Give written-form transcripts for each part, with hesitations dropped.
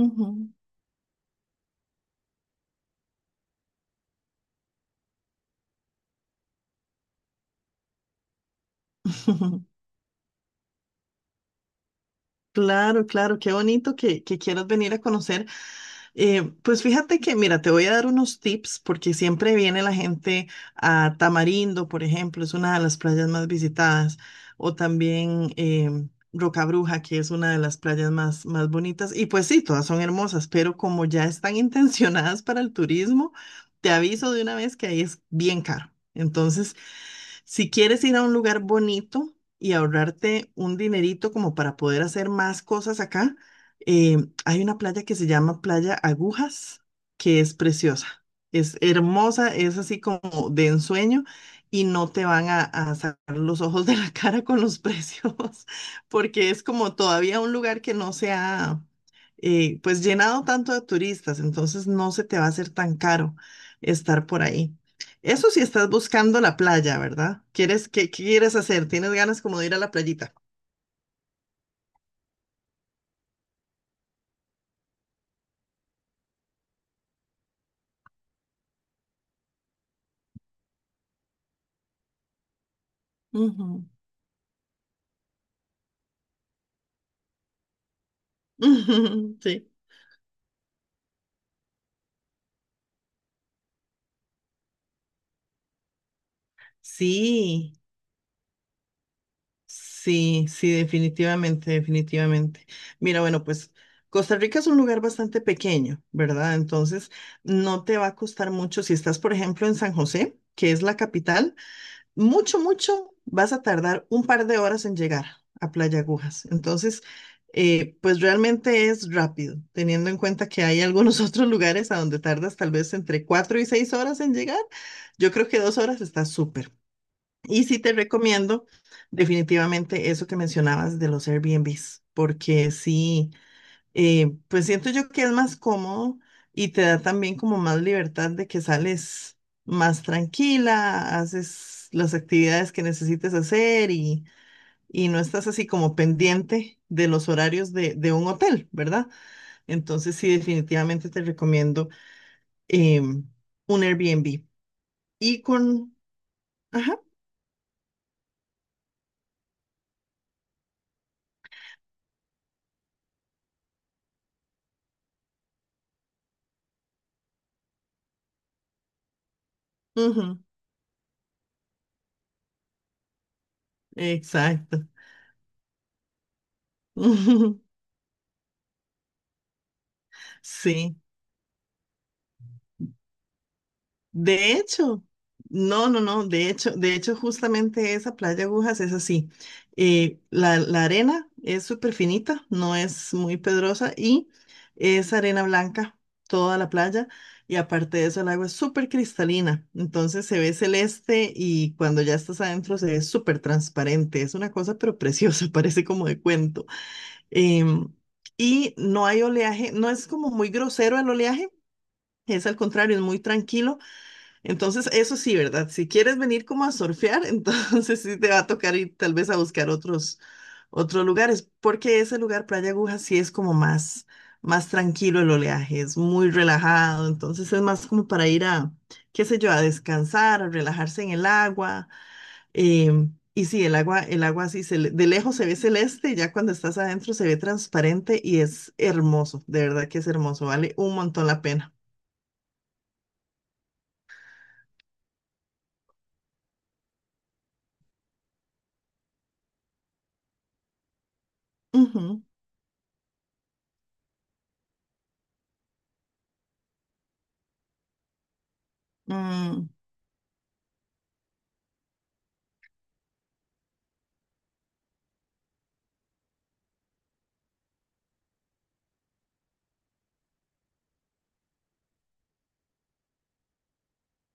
Ujú. Claro, claro, qué bonito que quieras venir a conocer. Pues fíjate mira, te voy a dar unos tips porque siempre viene la gente a Tamarindo. Por ejemplo, es una de las playas más visitadas, o también Roca Bruja, que es una de las playas más, más bonitas. Y pues sí, todas son hermosas, pero como ya están intencionadas para el turismo, te aviso de una vez que ahí es bien caro. Entonces, si quieres ir a un lugar bonito y ahorrarte un dinerito como para poder hacer más cosas acá, eh, hay una playa que se llama Playa Agujas, que es preciosa. Es hermosa, es así como de ensueño, y no te van a sacar los ojos de la cara con los precios, porque es como todavía un lugar que no se ha pues llenado tanto de turistas, entonces no se te va a hacer tan caro estar por ahí. Eso si estás buscando la playa, ¿verdad? ¿Qué quieres hacer? ¿Tienes ganas como de ir a la playita? Ujú. Sí. Sí, sí, sí, definitivamente, definitivamente. Mira, bueno, pues Costa Rica es un lugar bastante pequeño, ¿verdad? Entonces, no te va a costar mucho si estás, por ejemplo, en San José, que es la capital. Mucho, mucho, vas a tardar un par de horas en llegar a Playa Agujas. Entonces, pues realmente es rápido, teniendo en cuenta que hay algunos otros lugares a donde tardas tal vez entre cuatro y seis horas en llegar. Yo creo que dos horas está súper. Y sí te recomiendo definitivamente eso que mencionabas de los Airbnbs, porque sí, pues siento yo que es más cómodo y te da también como más libertad de que sales más tranquila, haces las actividades que necesites hacer y no estás así como pendiente de los horarios de un hotel, ¿verdad? Entonces sí, definitivamente te recomiendo em, un Airbnb. Y con... Ajá, ujú, exacto. Sí. De hecho, no, no, no, de hecho, justamente esa playa Agujas es así. La arena es súper finita, no es muy pedrosa y es arena blanca toda la playa. Y aparte de eso, el agua es súper cristalina, entonces se ve celeste, y cuando ya estás adentro se ve súper transparente. Es una cosa pero preciosa, parece como de cuento. Em, y no hay oleaje, no es como muy grosero el oleaje, es al contrario, es muy tranquilo. Entonces, eso sí, ¿verdad? Si quieres venir como a surfear, entonces sí te va a tocar ir tal vez a buscar otros lugares, porque ese lugar, Playa Aguja, sí es como más, más tranquilo el oleaje, es muy relajado, entonces es más como para ir a, qué sé yo, a descansar, a relajarse en el agua. Y sí, el agua, sí, de lejos se ve celeste, y ya cuando estás adentro se ve transparente y es hermoso, de verdad que es hermoso, vale un montón la pena. Ujú, mm,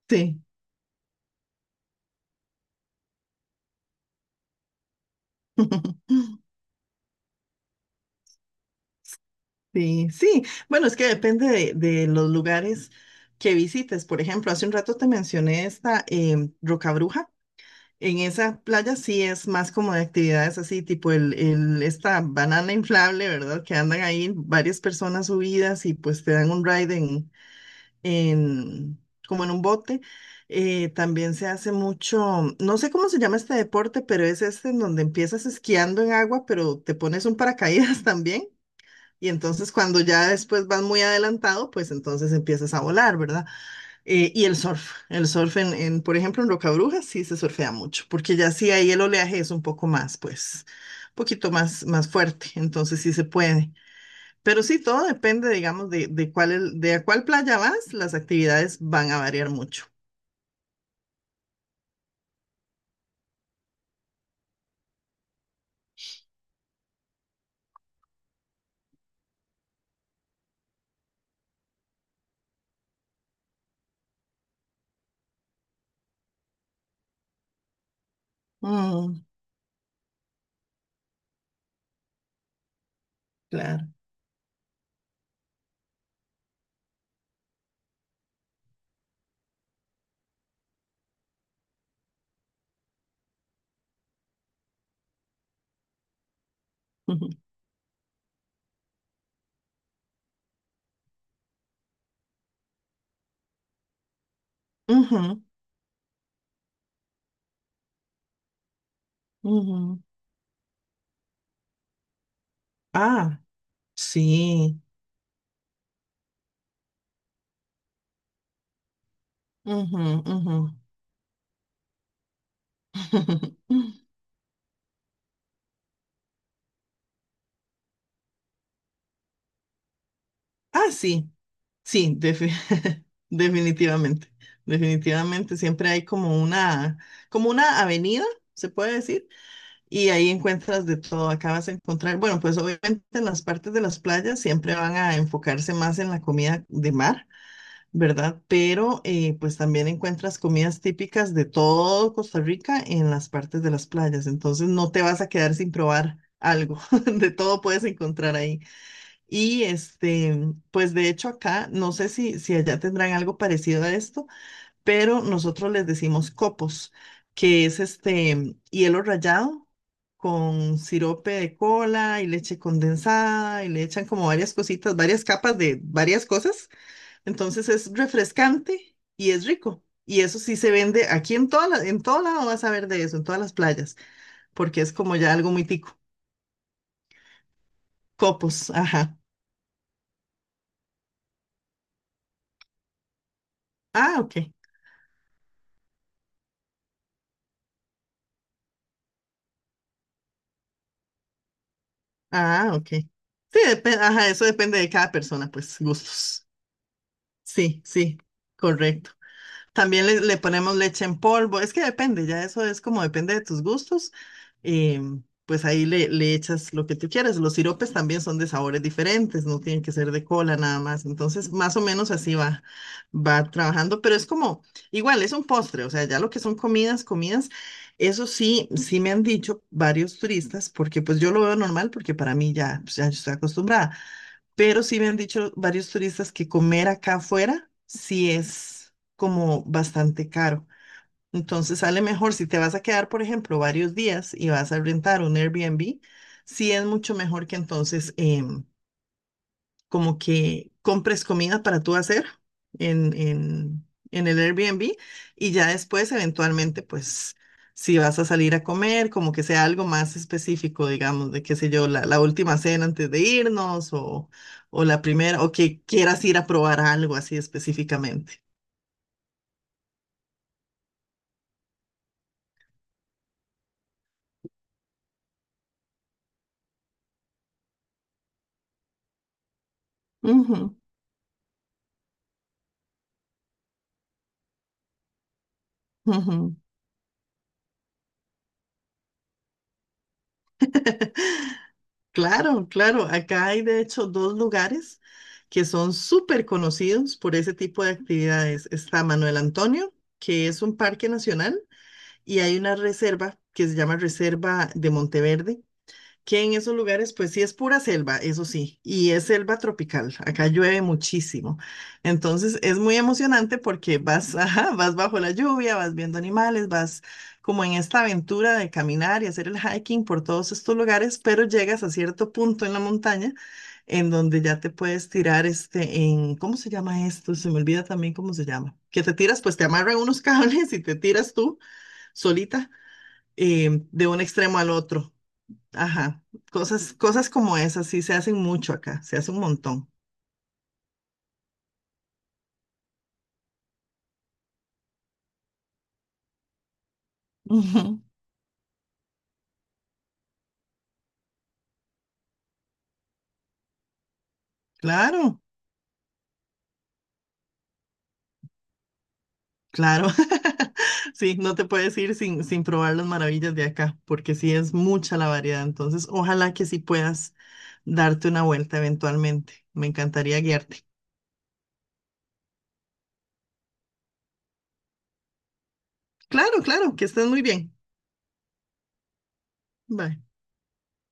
sí. Sí, sí. Bueno, es que depende de los lugares que visites. Por ejemplo, hace un rato te mencioné esta Roca Bruja. En esa playa sí es más como de actividades así, tipo esta banana inflable, ¿verdad? Que andan ahí varias personas subidas y pues te dan un ride en- como en un bote. También se hace mucho, no sé cómo se llama este deporte, pero es este en donde empiezas esquiando en agua, pero te pones un paracaídas. También, y entonces cuando ya después vas muy adelantado, pues entonces empiezas a volar, ¿verdad? Y el surf en, por ejemplo, en Rocabrúa sí se surfea mucho, porque ya sí ahí el oleaje es un poco más, pues, un poquito más, más fuerte, entonces sí se puede. Pero sí, todo depende, digamos, de a cuál playa vas, las actividades van a variar mucho. Mm, claro. Ujú, ujú, ujú. Ah, sí. Ujú, ujú. Ah, sí. Sí, definitivamente, definitivamente. Siempre hay como una avenida, se puede decir, y ahí encuentras de todo. Acá vas a encontrar, bueno, pues obviamente en las partes de las playas siempre van a enfocarse más en la comida de mar, ¿verdad? Pero pues también encuentras comidas típicas de todo Costa Rica en las partes de las playas. Entonces no te vas a quedar sin probar algo. De todo puedes encontrar ahí. Y este, pues de hecho acá, no sé si allá tendrán algo parecido a esto, pero nosotros les decimos copos, que es este hielo rallado con sirope de cola y leche condensada, y le echan como varias cositas, varias capas de varias cosas. Entonces es refrescante y es rico. Y eso sí se vende aquí en en todo lado vas a ver de eso, en todas las playas, porque es como ya algo muy tico. Copos, ajá. Ah, ok. Ah, ok. Sí, ajá, eso depende de cada persona, pues, gustos. Sí, sí, correcto. También le ponemos leche en polvo. Es que depende, ya eso es como depende de tus gustos. eh, pues ahí le echas lo que tú quieras. Los siropes también son de sabores diferentes, no tienen que ser de cola nada más. Entonces, más o menos así va trabajando, pero es como, igual, es un postre, o sea, ya lo que son comidas, comidas, eso sí, sí me han dicho varios turistas, porque pues yo lo veo normal, porque para mí ya, pues, ya yo estoy acostumbrada, pero sí me han dicho varios turistas que comer acá afuera sí es como bastante caro. Entonces sale mejor si te vas a quedar, por ejemplo, varios días y vas a rentar un Airbnb, sí es mucho mejor que entonces, como que compres comida para tú hacer en el Airbnb, y ya después eventualmente pues si vas a salir a comer, como que sea algo más específico, digamos, de qué sé yo, la última cena antes de irnos, o la primera, o que quieras ir a probar algo así específicamente. Ujú, ujú. Claro, claro, acá hay de hecho dos lugares que son súper conocidos por ese tipo de actividades. Está Manuel Antonio, que es un parque nacional, y hay una reserva que se llama Reserva de Monteverde, que en esos lugares pues sí es pura selva, eso sí, y es selva tropical, acá llueve muchísimo. Entonces es muy emocionante porque vas, ajá, vas bajo la lluvia, vas viendo animales, vas como en esta aventura de caminar y hacer el hiking por todos estos lugares, pero llegas a cierto punto en la montaña en donde ya te puedes tirar ¿cómo se llama esto? Se me olvida también cómo se llama. Que te tiras, pues te amarran unos cables y te tiras tú solita de un extremo al otro. Ajá, cosas como esas sí se hacen mucho acá, se hace un montón. Ujú. Claro, claro. Sí, no te puedes ir sin probar las maravillas de acá, porque sí es mucha la variedad. Entonces, ojalá que sí puedas darte una vuelta eventualmente. Me encantaría guiarte. Claro, claro, que estés muy bien. Bye.